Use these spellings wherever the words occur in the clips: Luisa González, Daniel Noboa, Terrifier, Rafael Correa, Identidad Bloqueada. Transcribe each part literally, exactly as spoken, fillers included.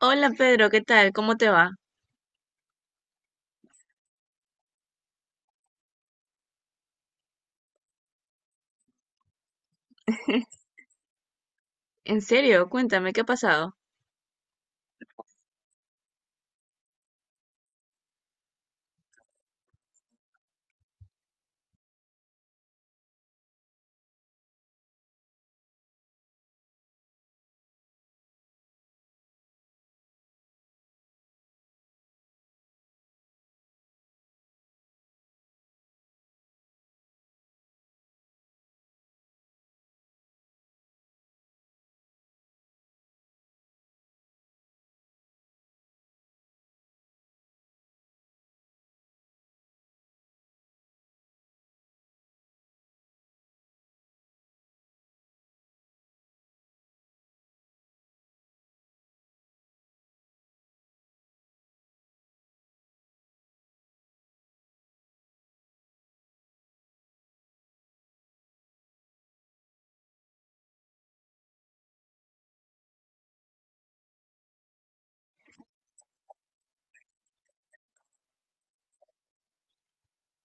Hola Pedro, ¿qué tal? ¿Cómo te va? En serio, cuéntame, ¿qué ha pasado?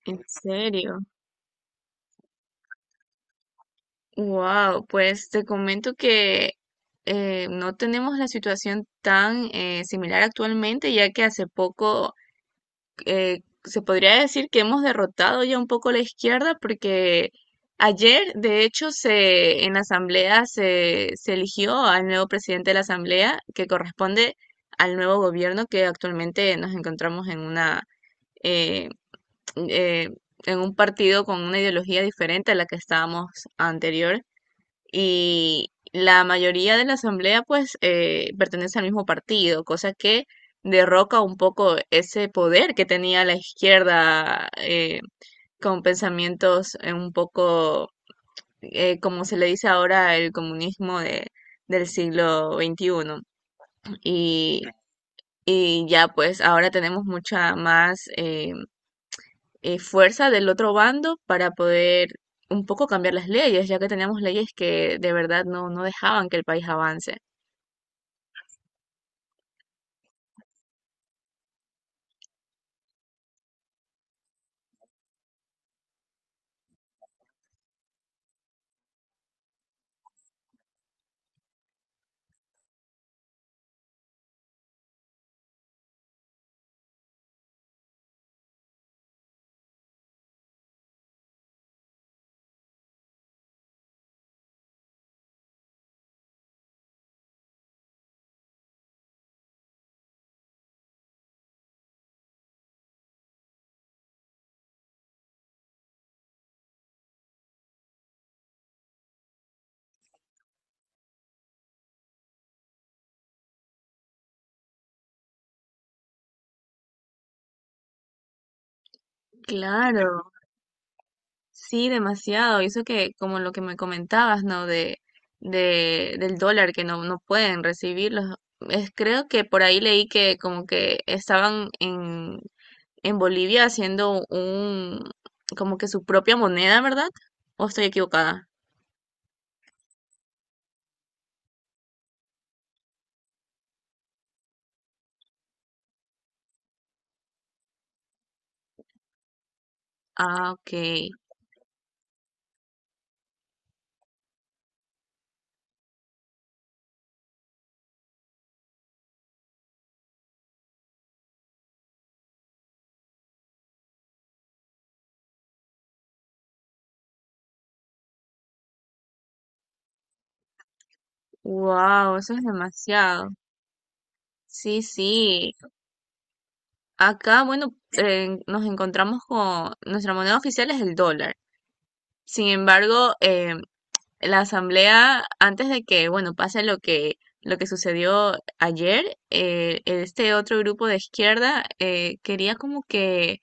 En serio. Wow, pues te comento que eh, no tenemos la situación tan eh, similar actualmente, ya que hace poco eh, se podría decir que hemos derrotado ya un poco la izquierda, porque ayer, de hecho, se, en la asamblea se, se eligió al nuevo presidente de la asamblea, que corresponde al nuevo gobierno que actualmente nos encontramos en una... eh, eh, en un partido con una ideología diferente a la que estábamos anterior, y la mayoría de la asamblea pues eh, pertenece al mismo partido, cosa que derroca un poco ese poder que tenía la izquierda, eh, con pensamientos eh, un poco, eh, como se le dice ahora, el comunismo de, del siglo veintiuno. Y, y ya pues ahora tenemos mucha más eh, eh, fuerza del otro bando para poder un poco cambiar las leyes, ya que teníamos leyes que de verdad no, no dejaban que el país avance. Claro, sí, demasiado. Y eso que, como lo que me comentabas, ¿no? De, de, del dólar que no, no pueden recibirlos. Es, creo que por ahí leí que como que estaban en, en Bolivia haciendo un, como que su propia moneda, ¿verdad? ¿O estoy equivocada? Ah, ok. Wow, eso es demasiado. Sí, sí. Acá, bueno, eh, nos encontramos con nuestra moneda oficial es el dólar. Sin embargo, eh, la asamblea, antes de que, bueno, pase lo que lo que sucedió ayer, eh, este otro grupo de izquierda eh, quería como que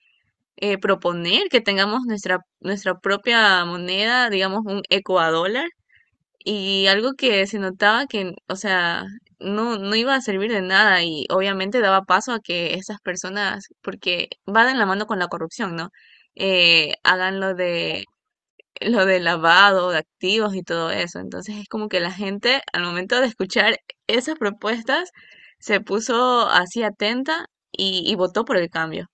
eh, proponer que tengamos nuestra nuestra propia moneda, digamos un ecuadólar. Y algo que se notaba que, o sea, no, no iba a servir de nada y obviamente daba paso a que estas personas, porque va de la mano con la corrupción, ¿no? Eh, hagan lo de, lo de lavado de activos y todo eso. Entonces es como que la gente al momento de escuchar esas propuestas se puso así atenta y, y votó por el cambio.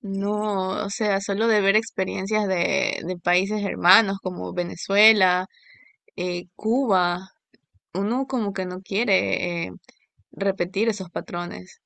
No, o sea, solo de ver experiencias de, de países hermanos como Venezuela, eh, Cuba, uno como que no quiere eh, repetir esos patrones.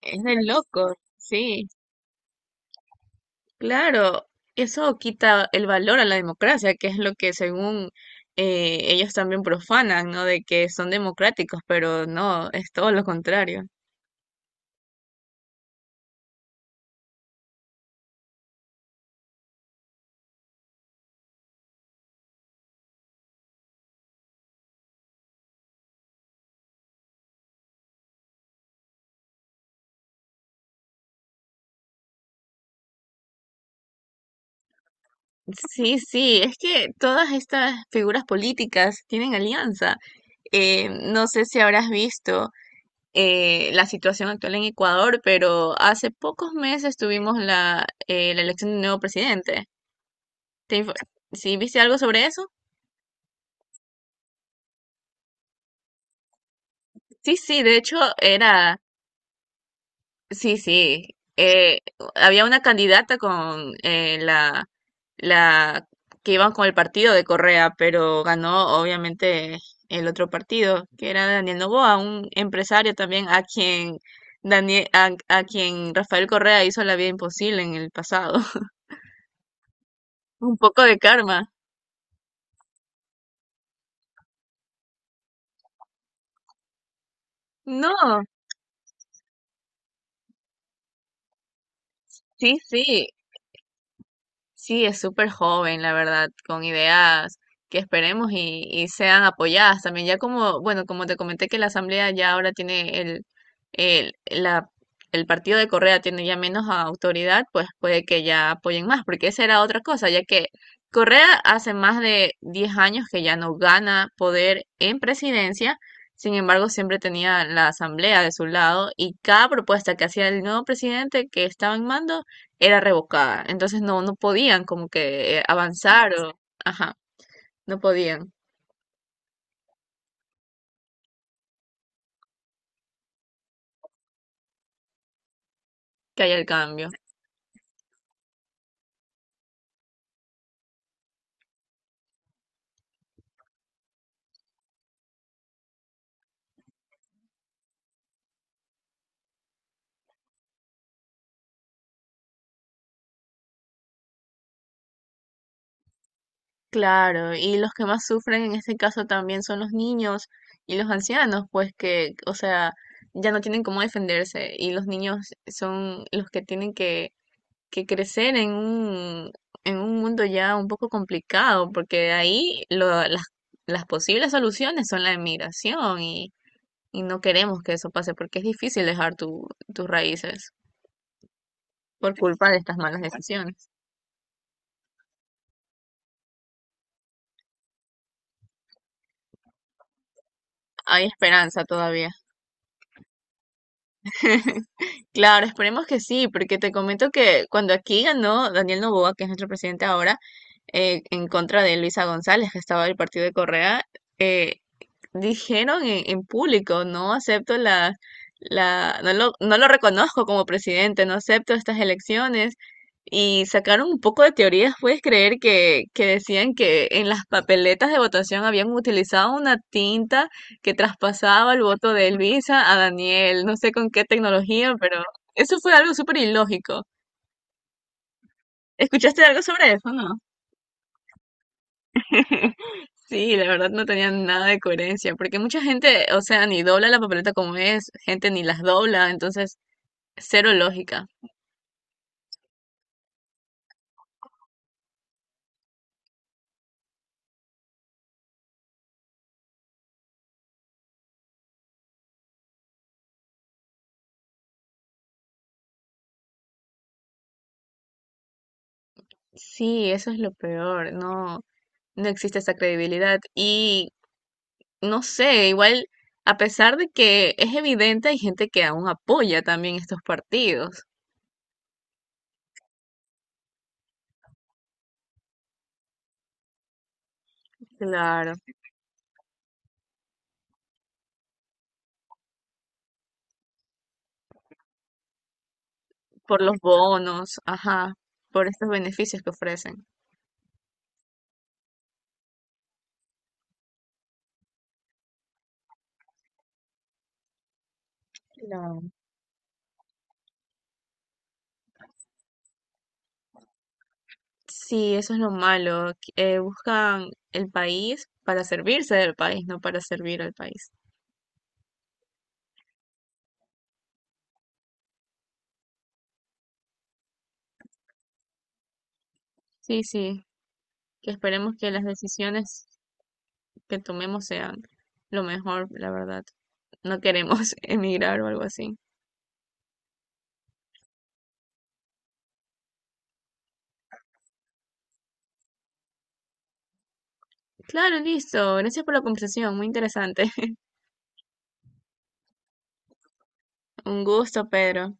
Es de loco, sí, claro. Eso quita el valor a la democracia, que es lo que según eh, ellos también profanan, ¿no? De que son democráticos, pero no, es todo lo contrario. Sí, sí, es que todas estas figuras políticas tienen alianza. Eh, no sé si habrás visto eh, la situación actual en Ecuador, pero hace pocos meses tuvimos la, eh, la elección de un nuevo presidente. ¿Te info- ¿Sí viste algo sobre eso? Sí, sí, de hecho era, sí, sí, eh, había una candidata con eh, la, la que iban con el partido de Correa, pero ganó obviamente el otro partido, que era Daniel Noboa, un empresario también a quien Daniel, a, a quien Rafael Correa hizo la vida imposible en el pasado. Un poco de karma. No, sí, sí. Sí, es súper joven, la verdad, con ideas que esperemos y, y sean apoyadas también. Ya como, bueno, como te comenté que la Asamblea ya ahora tiene el, el, la, el partido de Correa tiene ya menos autoridad, pues puede que ya apoyen más, porque esa era otra cosa, ya que Correa hace más de diez años que ya no gana poder en presidencia, sin embargo, siempre tenía la Asamblea de su lado y cada propuesta que hacía el nuevo presidente que estaba en mando era revocada. Entonces no, no podían como que eh, avanzar o, ajá, no podían que haya el cambio. Claro, y los que más sufren en este caso también son los niños y los ancianos, pues que, o sea, ya no tienen cómo defenderse y los niños son los que tienen que, que crecer en un, en un mundo ya un poco complicado, porque de ahí lo, las, las posibles soluciones son la emigración y, y no queremos que eso pase porque es difícil dejar tu, tus raíces. Por culpa de estas malas decisiones. Hay esperanza todavía. Claro, esperemos que sí, porque te comento que cuando aquí ganó Daniel Noboa, que es nuestro presidente ahora, eh, en contra de Luisa González, que estaba del partido de Correa, eh, dijeron en, en público, no acepto la, la, no lo, no lo reconozco como presidente, no acepto estas elecciones. Y sacaron un poco de teorías, puedes creer que, que decían que en las papeletas de votación habían utilizado una tinta que traspasaba el voto de Elvisa a Daniel, no sé con qué tecnología, pero eso fue algo súper ilógico. ¿Escuchaste algo sobre eso, no? Sí, la verdad no tenían nada de coherencia, porque mucha gente, o sea, ni dobla la papeleta como es, gente ni las dobla, entonces cero lógica. Sí, eso es lo peor, no, no existe esa credibilidad y no sé, igual a pesar de que es evidente, hay gente que aún apoya también estos partidos, claro, por los bonos, ajá, por estos beneficios que ofrecen. Claro. Sí, eso es lo malo, que, eh, buscan el país para servirse del país, no para servir al país. Sí, sí, que esperemos que las decisiones que tomemos sean lo mejor, la verdad. No queremos emigrar o algo así. Claro, listo. Gracias por la conversación, muy interesante. Un gusto, Pedro.